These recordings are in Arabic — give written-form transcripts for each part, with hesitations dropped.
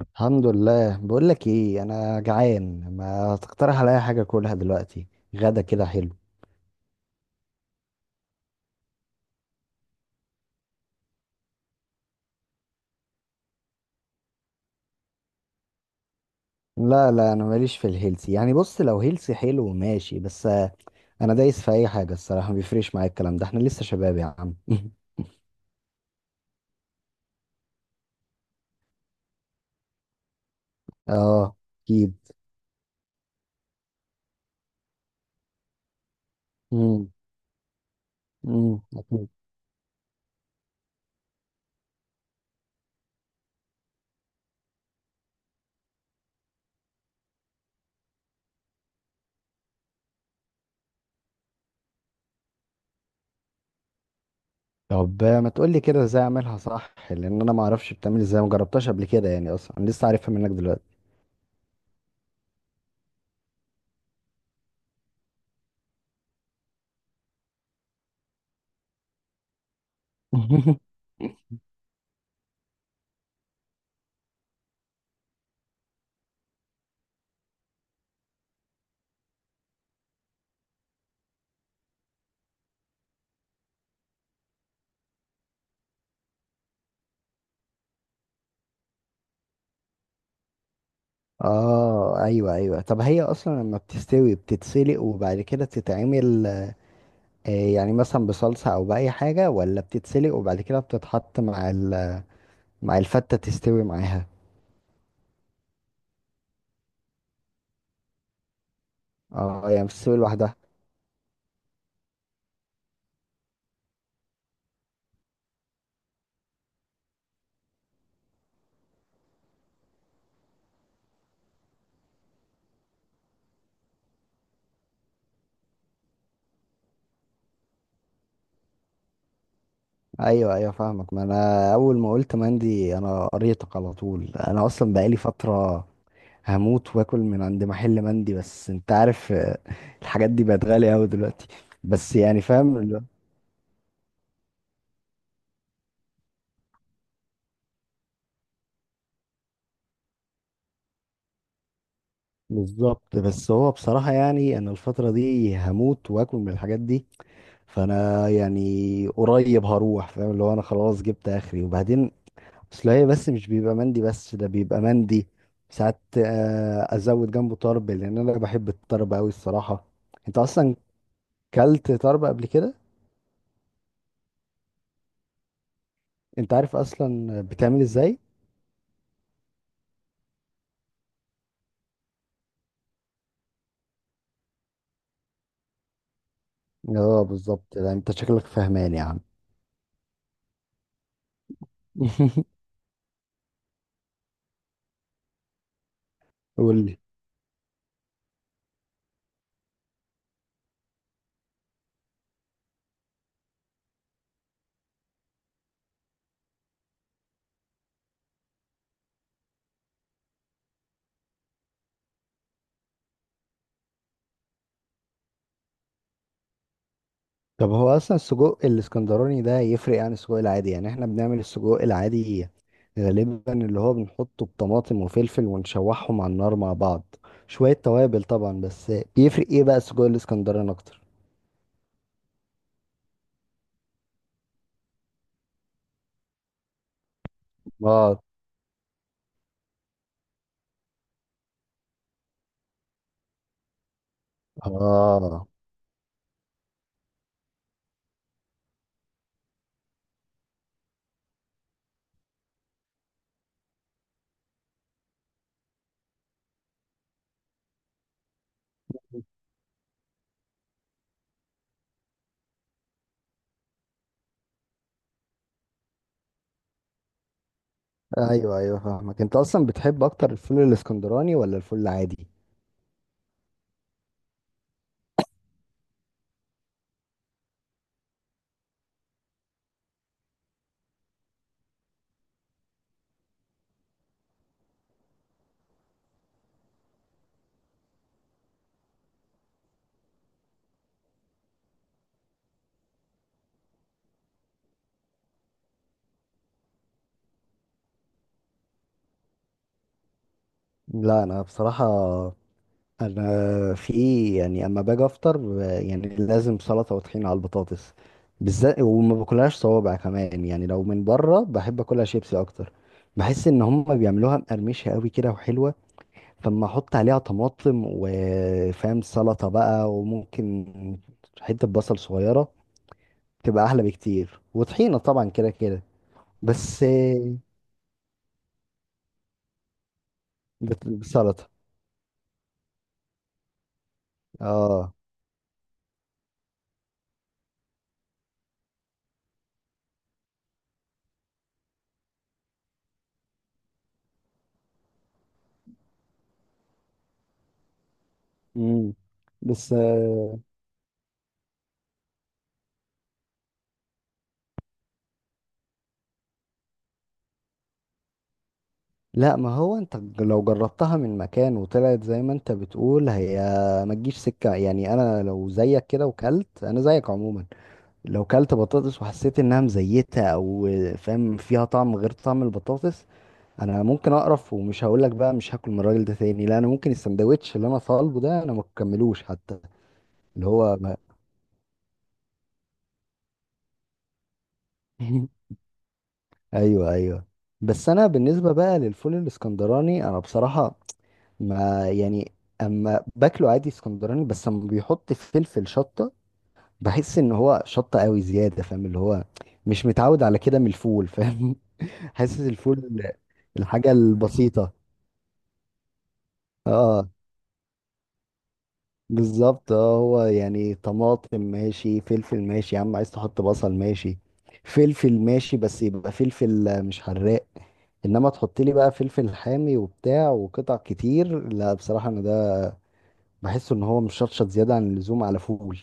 الحمد لله. بقول لك ايه، انا جعان، ما تقترح عليا حاجه اكلها دلوقتي؟ غدا كده حلو. لا لا انا ماليش في الهيلثي، يعني بص لو هيلثي حلو ماشي، بس انا دايس في اي حاجه الصراحه، ما بيفرقش معايا الكلام ده، احنا لسه شباب يا عم. اه اكيد. امم. أكيد. طب ما تقول لي كده ازاي اعملها صح، لان انا ما اعرفش بتعمل ازاي، ما جربتهاش قبل كده، يعني اصلا أنا لسه عارفها منك دلوقتي. اه ايوه ايوه، طب هي اصلا لما بتستوي بتتسلق وبعد كده تتعمل يعني مثلا بصلصة او بأي حاجة، ولا بتتسلق وبعد كده بتتحط مع مع الفتة تستوي معاها؟ اه يعني بتستوي لوحدها. ايوه ايوه فاهمك، ما انا اول ما قلت مندي انا قريتك على طول، انا اصلا بقالي فترة هموت واكل من عند محل مندي، بس انت عارف الحاجات دي بقت غالية اوي دلوقتي، بس يعني فاهم. بالظبط، بس هو بصراحة يعني أنا الفترة دي هموت وآكل من الحاجات دي، فأنا يعني قريب هروح، فاهم اللي هو أنا خلاص جبت آخري. وبعدين أصل هي بس مش بيبقى مندي بس، ده بيبقى مندي ساعات أزود جنبه طرب، لأن أنا بحب الطرب أوي الصراحة. أنت أصلا كلت طرب قبل كده؟ أنت عارف أصلا بتعمل إزاي؟ اه بالظبط، لا أنت شكلك فهمان يا عم. قول. طب هو اصلا السجق الاسكندراني ده يفرق عن السجق العادي؟ يعني احنا بنعمل السجق العادي غالبا اللي هو بنحطه بطماطم وفلفل ونشوحهم على النار مع بعض، شوية توابل طبعا، بس بيفرق ايه بقى السجق الاسكندراني اكتر؟ اه. اه ايوه ايوه فاهمك. انت اصلا بتحب اكتر الفول الاسكندراني ولا الفول العادي؟ لا انا بصراحة انا في ايه يعني، اما باجي افطر يعني لازم سلطه وطحينه على البطاطس بالذات، وما باكلهاش صوابع كمان، يعني لو من بره بحب اكلها شيبسي اكتر، بحس ان هم بيعملوها مقرمشه قوي كده وحلوه، فاما احط عليها طماطم وفاهم سلطه بقى وممكن حته بصل صغيره تبقى احلى بكتير، وطحينه طبعا كده كده، بس بسلطه. اه. امم. بس لا ما هو انت لو جربتها من مكان وطلعت زي ما انت بتقول، هي ما تجيش سكة، يعني انا لو زيك كده وكلت، انا زيك عموما، لو كلت بطاطس وحسيت انها مزيتة او فاهم فيها طعم غير طعم البطاطس، انا ممكن اقرف ومش هقولك بقى مش هاكل من الراجل ده تاني، لا انا ممكن السندوتش اللي انا طالبه ده انا ما اكملوش حتى. اللي هو ما... ايوه ايوه. بس انا بالنسبة بقى للفول الاسكندراني، انا بصراحة ما يعني، اما باكله عادي اسكندراني بس اما بيحط فلفل شطه، بحس ان هو شطه قوي زياده، فاهم اللي هو مش متعود على كده من الفول، فاهم؟ حاسس الفول الحاجه البسيطه. اه بالظبط، اه هو يعني طماطم ماشي، فلفل ماشي، يا عم عايز تحط بصل ماشي، فلفل ماشي، بس يبقى فلفل مش حراق، انما تحط لي بقى فلفل حامي وبتاع وقطع كتير، لا بصراحه انا ده بحسه ان هو مشطشط زياده عن اللزوم على فول.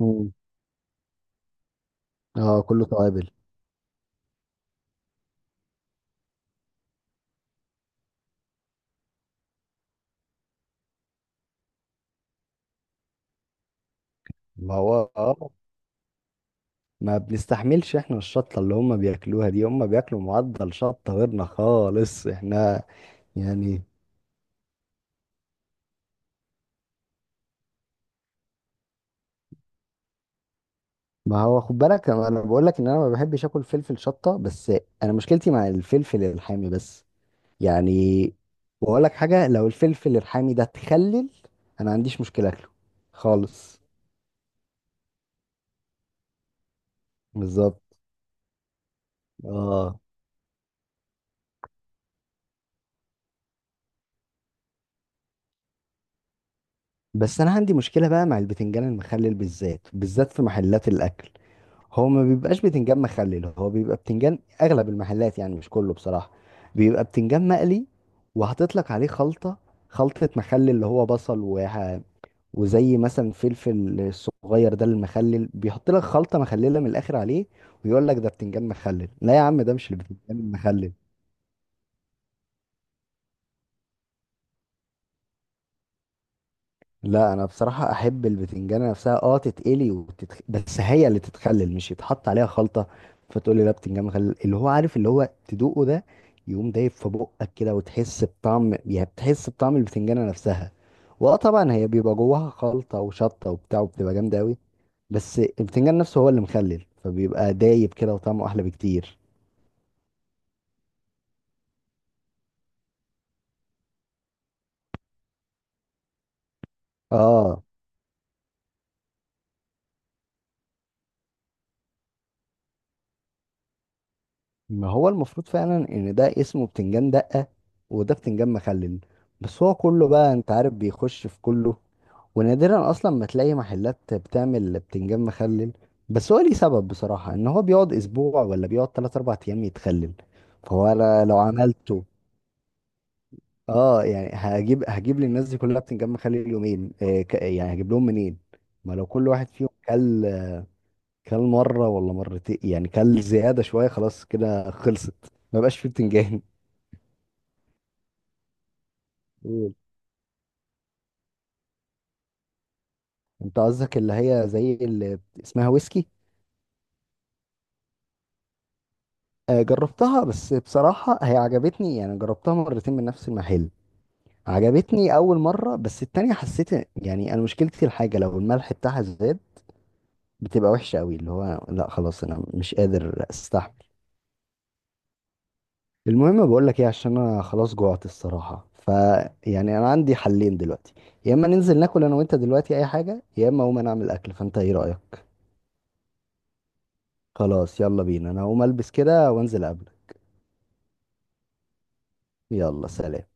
مم. اه كله توابل. ما هو اه، ما بنستحملش احنا الشطة اللي هم بياكلوها دي، هم بياكلوا معدل شطة غيرنا خالص احنا، يعني ما هو خد بالك، انا بقول لك ان انا ما بحبش اكل فلفل شطة، بس انا مشكلتي مع الفلفل الحامي بس، يعني بقول لك حاجة، لو الفلفل الحامي ده اتخلل انا ما عنديش مشكلة اكله خالص. بالظبط. اه. بس انا عندي مشكلة بقى مع البتنجان المخلل، بالذات بالذات في محلات الاكل. هو ما بيبقاش بتنجان مخلل، هو بيبقى بتنجان اغلب المحلات، يعني مش كله بصراحة، بيبقى بتنجان مقلي وحاطط لك عليه خلطة، خلطة مخلل اللي هو بصل وزي مثلا فلفل الصغير ده المخلل، بيحط لك خلطة مخللة من الاخر عليه، ويقول لك ده بتنجان مخلل. لا يا عم، ده مش البتنجان المخلل. لا انا بصراحه احب البتنجانه نفسها اه، تتقلي بس هي اللي تتخلل، مش يتحط عليها خلطه فتقول لي لا بتنجان مخلل، اللي هو عارف اللي هو تدوقه ده يقوم دايب في بقك كده، وتحس بطعم، يعني بتحس بطعم البتنجانه نفسها. واه طبعا هي بيبقى جواها خلطه وشطه وبتاع وبتبقى جامده قوي، بس البتنجان نفسه هو اللي مخلل، فبيبقى دايب كده وطعمه احلى بكتير. اه ما هو المفروض فعلا ان ده اسمه بتنجان دقة، وده بتنجان مخلل، بس هو كله بقى انت عارف بيخش في كله، ونادرا اصلا ما تلاقي محلات بتعمل بتنجان مخلل، بس هو ليه سبب بصراحة، ان هو بيقعد اسبوع ولا بيقعد 3 4 ايام يتخلل، فهو أنا لو عملته اه، يعني هجيب هجيب للناس دي كلها بتنجان مخلل يومين، يعني هجيب لهم منين؟ ما لو كل واحد فيهم كل كل مرة ولا مرتين، يعني كل زيادة شوية خلاص كده خلصت، ما بقاش فيه بتنجان. قول. انت قصدك اللي هي زي اللي اسمها ويسكي؟ جربتها، بس بصراحة هي عجبتني يعني، جربتها مرتين من نفس المحل، عجبتني أول مرة، بس التانية حسيت يعني أنا مشكلتي الحاجة لو الملح بتاعها زاد، بتبقى وحشة قوي، اللي هو لا خلاص أنا مش قادر أستحمل. المهم بقول لك إيه، عشان أنا خلاص جوعت الصراحة، فيعني أنا عندي حلين دلوقتي، يا إما ننزل ناكل أنا وأنت دلوقتي أي حاجة، يا إما أقوم أنا أعمل أكل، فأنت إيه رأيك؟ خلاص يلا بينا، أنا هقوم ألبس كده وأنزل أقابلك. يلا سلام.